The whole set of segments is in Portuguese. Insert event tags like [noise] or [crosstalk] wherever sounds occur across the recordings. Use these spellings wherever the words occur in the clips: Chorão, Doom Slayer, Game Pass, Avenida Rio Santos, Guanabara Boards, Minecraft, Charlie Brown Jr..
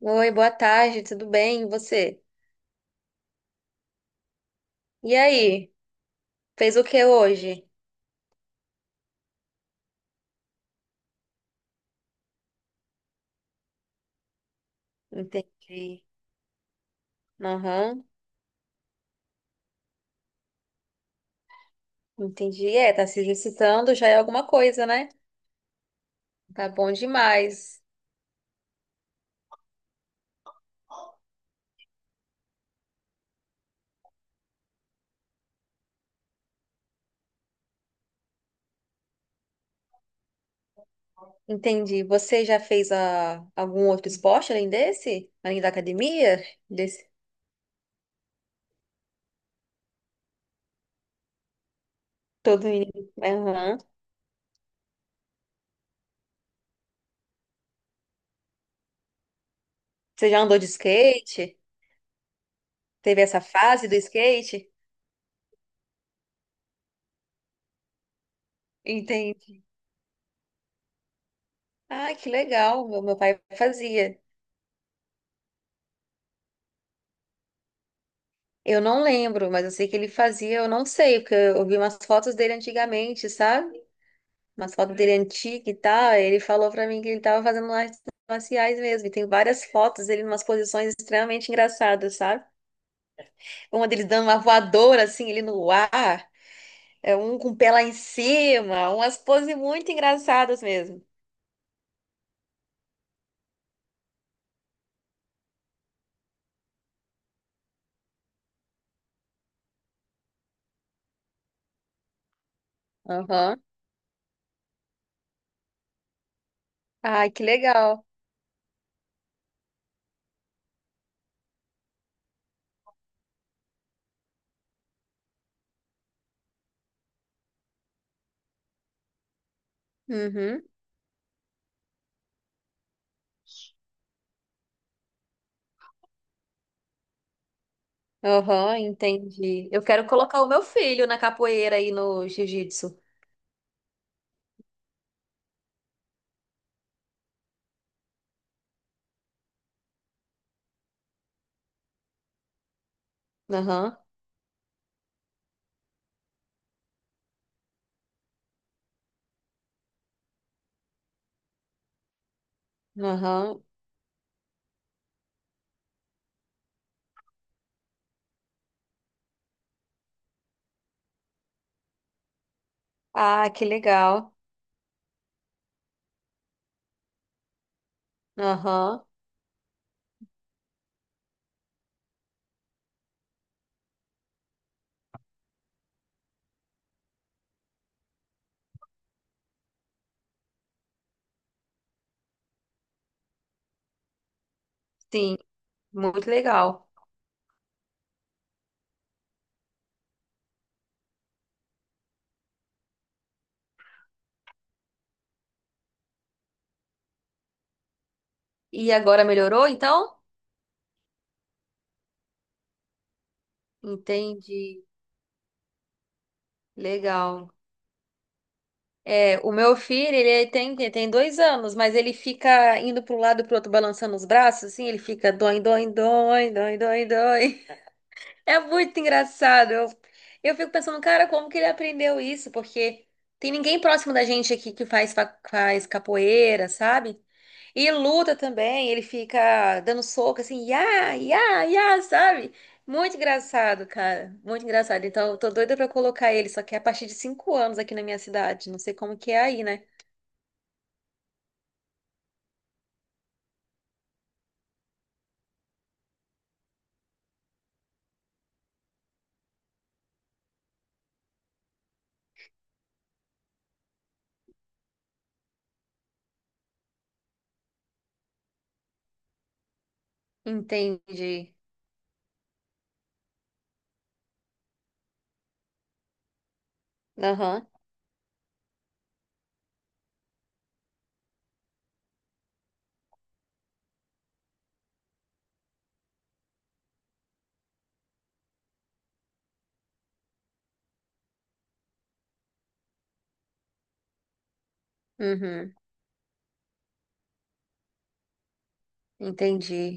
Oi, boa tarde, tudo bem? E você? E aí, fez o que hoje? Entendi. Aham, entendi. É, tá se exercitando já é alguma coisa, né? Tá bom demais. Entendi. Você já fez algum outro esporte além desse? Além da academia? Desse todo menino. Aham. Você já andou de skate? Teve essa fase do skate? Entendi. Ah, que legal. Meu pai fazia. Eu não lembro, mas eu sei que ele fazia, eu não sei, porque eu vi umas fotos dele antigamente, sabe? Umas fotos dele antiga e tal. Ele falou pra mim que ele tava fazendo artes marciais mesmo. E tem várias fotos dele em umas posições extremamente engraçadas, sabe? Uma dele dando uma voadora, assim, ele no ar, é um com o pé lá em cima, umas poses muito engraçadas mesmo. Aham. Ai, que legal. Uhum. Aham, entendi. Eu quero colocar o meu filho na capoeira aí no jiu-jitsu. Aham. Aham. Ah, que legal. Aham, sim, muito legal. E agora melhorou, então? Entendi. Legal. É, o meu filho, ele tem 2 anos, mas ele fica indo para um lado e pro outro, balançando os braços, assim, ele fica dói, dói, dói, dói, dói, dói. [laughs] É muito engraçado. Eu fico pensando, cara, como que ele aprendeu isso? Porque tem ninguém próximo da gente aqui que faz capoeira, sabe? E luta também, ele fica dando soco assim, ia, ia, ia, sabe? Muito engraçado, cara. Muito engraçado. Então, eu tô doida pra colocar ele, só que é a partir de 5 anos aqui na minha cidade. Não sei como que é aí, né? Entendi. Aham. Uhum. Entendi.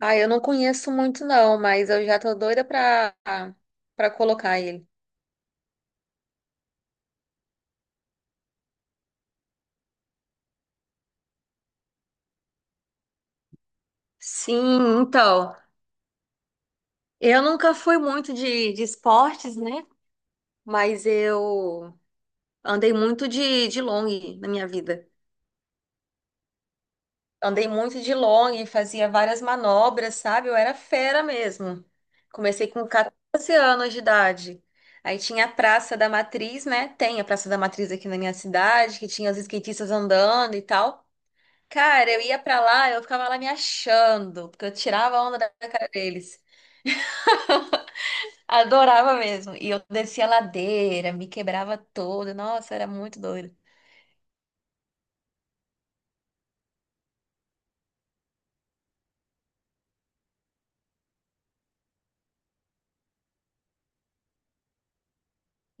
Ah, eu não conheço muito não, mas eu já tô doida pra colocar ele. Sim, então. Eu nunca fui muito de esportes, né? Mas eu andei muito de long na minha vida. Andei muito de long, fazia várias manobras, sabe? Eu era fera mesmo. Comecei com 14 anos de idade. Aí tinha a Praça da Matriz, né? Tem a Praça da Matriz aqui na minha cidade, que tinha os skatistas andando e tal. Cara, eu ia pra lá, eu ficava lá me achando, porque eu tirava a onda da cara deles. Adorava mesmo. E eu descia a ladeira, me quebrava toda. Nossa, era muito doido.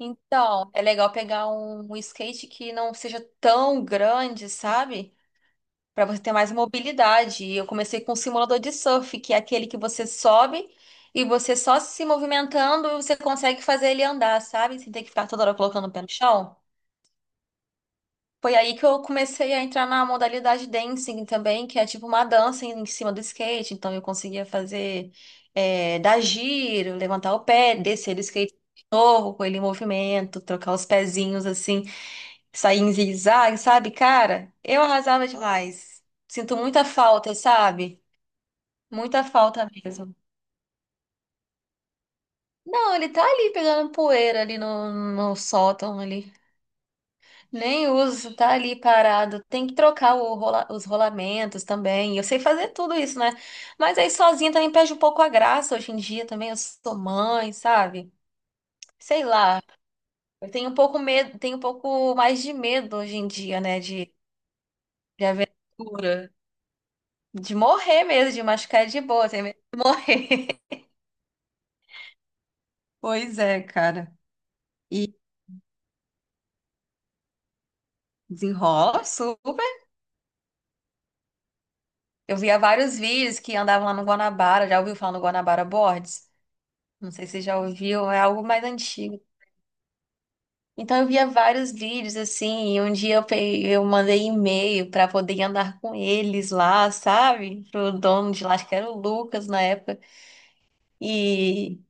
Então, é legal pegar um skate que não seja tão grande, sabe? Para você ter mais mobilidade. E eu comecei com um simulador de surf, que é aquele que você sobe e você só se movimentando você consegue fazer ele andar, sabe? Sem ter que ficar toda hora colocando o pé no chão. Foi aí que eu comecei a entrar na modalidade dancing também, que é tipo uma dança em cima do skate. Então eu conseguia fazer, é, dar giro, levantar o pé, descer do skate de novo com ele em movimento, trocar os pezinhos assim sair em zigue-zague, sabe, cara? Eu arrasava demais. Sinto muita falta, sabe? Muita falta mesmo. Não, ele tá ali pegando poeira ali no sótão ali. Nem uso, tá ali parado. Tem que trocar o os rolamentos também. Eu sei fazer tudo isso, né? Mas aí sozinha também perde um pouco a graça hoje em dia também. Eu sou mãe, sabe? Sei lá. Eu tenho um pouco medo, tenho um pouco mais de medo hoje em dia, né? De aventura. De morrer mesmo, de machucar é de boa, tem medo de morrer. [laughs] Pois é, cara. E desenrola super. Eu via vários vídeos que andavam lá no Guanabara. Já ouviu falar no Guanabara Boards? Não sei se você já ouviu, é algo mais antigo. Então eu via vários vídeos assim, e um dia eu, eu mandei e-mail pra poder andar com eles lá, sabe? Pro dono de lá, acho que era o Lucas na época. E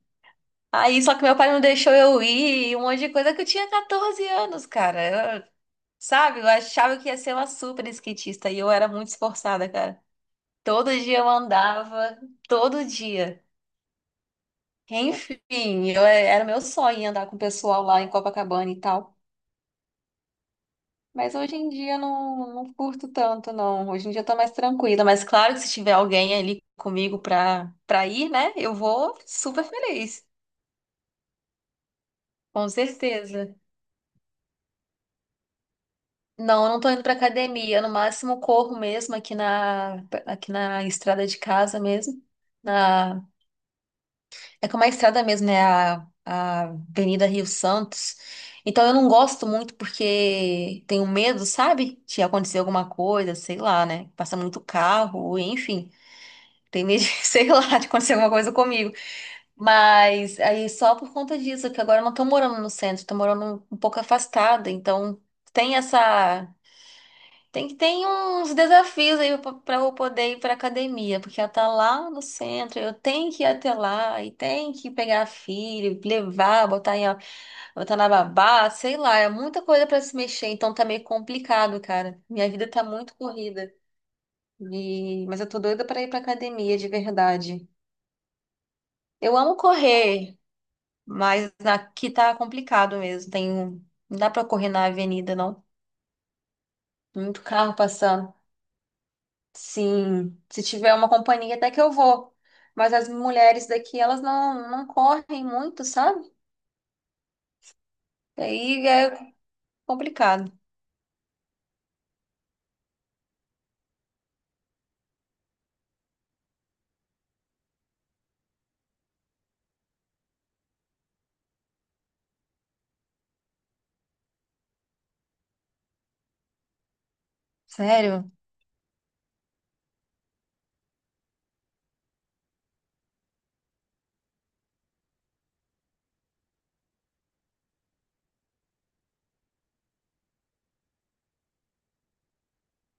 aí, só que meu pai não deixou eu ir, e um monte de coisa que eu tinha 14 anos, cara. Sabe, eu achava que ia ser uma super skatista e eu era muito esforçada, cara. Todo dia eu andava, todo dia. Enfim, eu, era meu sonho andar com o pessoal lá em Copacabana e tal. Mas hoje em dia eu não curto tanto, não. Hoje em dia eu tô mais tranquila. Mas claro que se tiver alguém ali comigo pra ir, né? Eu vou super feliz, com certeza. Não, eu não tô indo pra academia. No máximo corro mesmo aqui na estrada de casa mesmo na. É como a estrada mesmo, né? A Avenida Rio Santos. Então eu não gosto muito porque tenho medo, sabe? De acontecer alguma coisa, sei lá, né? Passa muito carro, enfim. Tenho medo, de, [laughs] sei lá, de acontecer alguma coisa comigo. Mas aí só por conta disso, que agora eu não tô morando no centro, tô morando um pouco afastada. Então tem essa. Tem que ter uns desafios aí para eu poder ir para academia, porque ela tá lá no centro, eu tenho que ir até lá e tenho que pegar a filha, levar, botar em, botar na babá, sei lá, é muita coisa para se mexer, então tá meio complicado, cara. Minha vida tá muito corrida. E mas eu tô doida para ir para academia de verdade. Eu amo correr, mas aqui tá complicado mesmo. Tem, um, não dá para correr na avenida, não. Muito carro passando. Sim, se tiver uma companhia até que eu vou. Mas as mulheres daqui, elas não correm muito, sabe? Aí é complicado. Sério?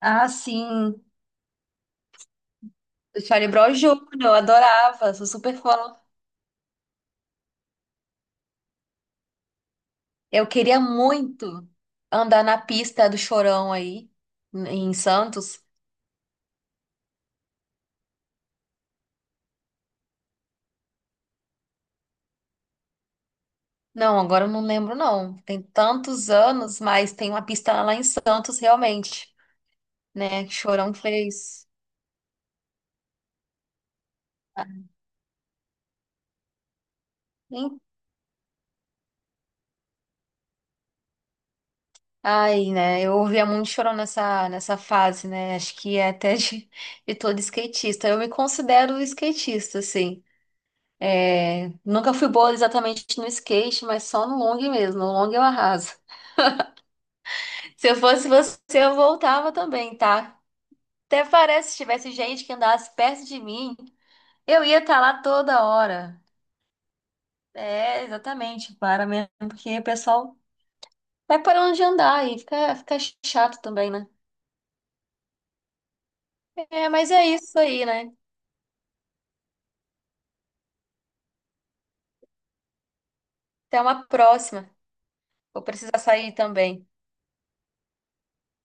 Ah, sim. O Charlie Brown Jr., eu adorava, sou super fã. Eu queria muito andar na pista do Chorão aí, em Santos. Não, agora eu não lembro, não. Tem tantos anos, mas tem uma pista lá em Santos, realmente, né? Que Chorão fez. Ai, né? Eu ouvia muito chorão nessa fase, né? Acho que é até de, [laughs] de todo skatista. Eu me considero skatista, assim. É, nunca fui boa exatamente no skate, mas só no long mesmo. No long eu arraso. Se eu fosse você, eu voltava também, tá? Até parece se tivesse gente que andasse perto de mim, eu ia estar lá toda hora. É, exatamente, para mesmo, porque o pessoal vai parando de andar e fica chato também, né? É, mas é isso aí, né? Até uma próxima. Vou precisar sair também.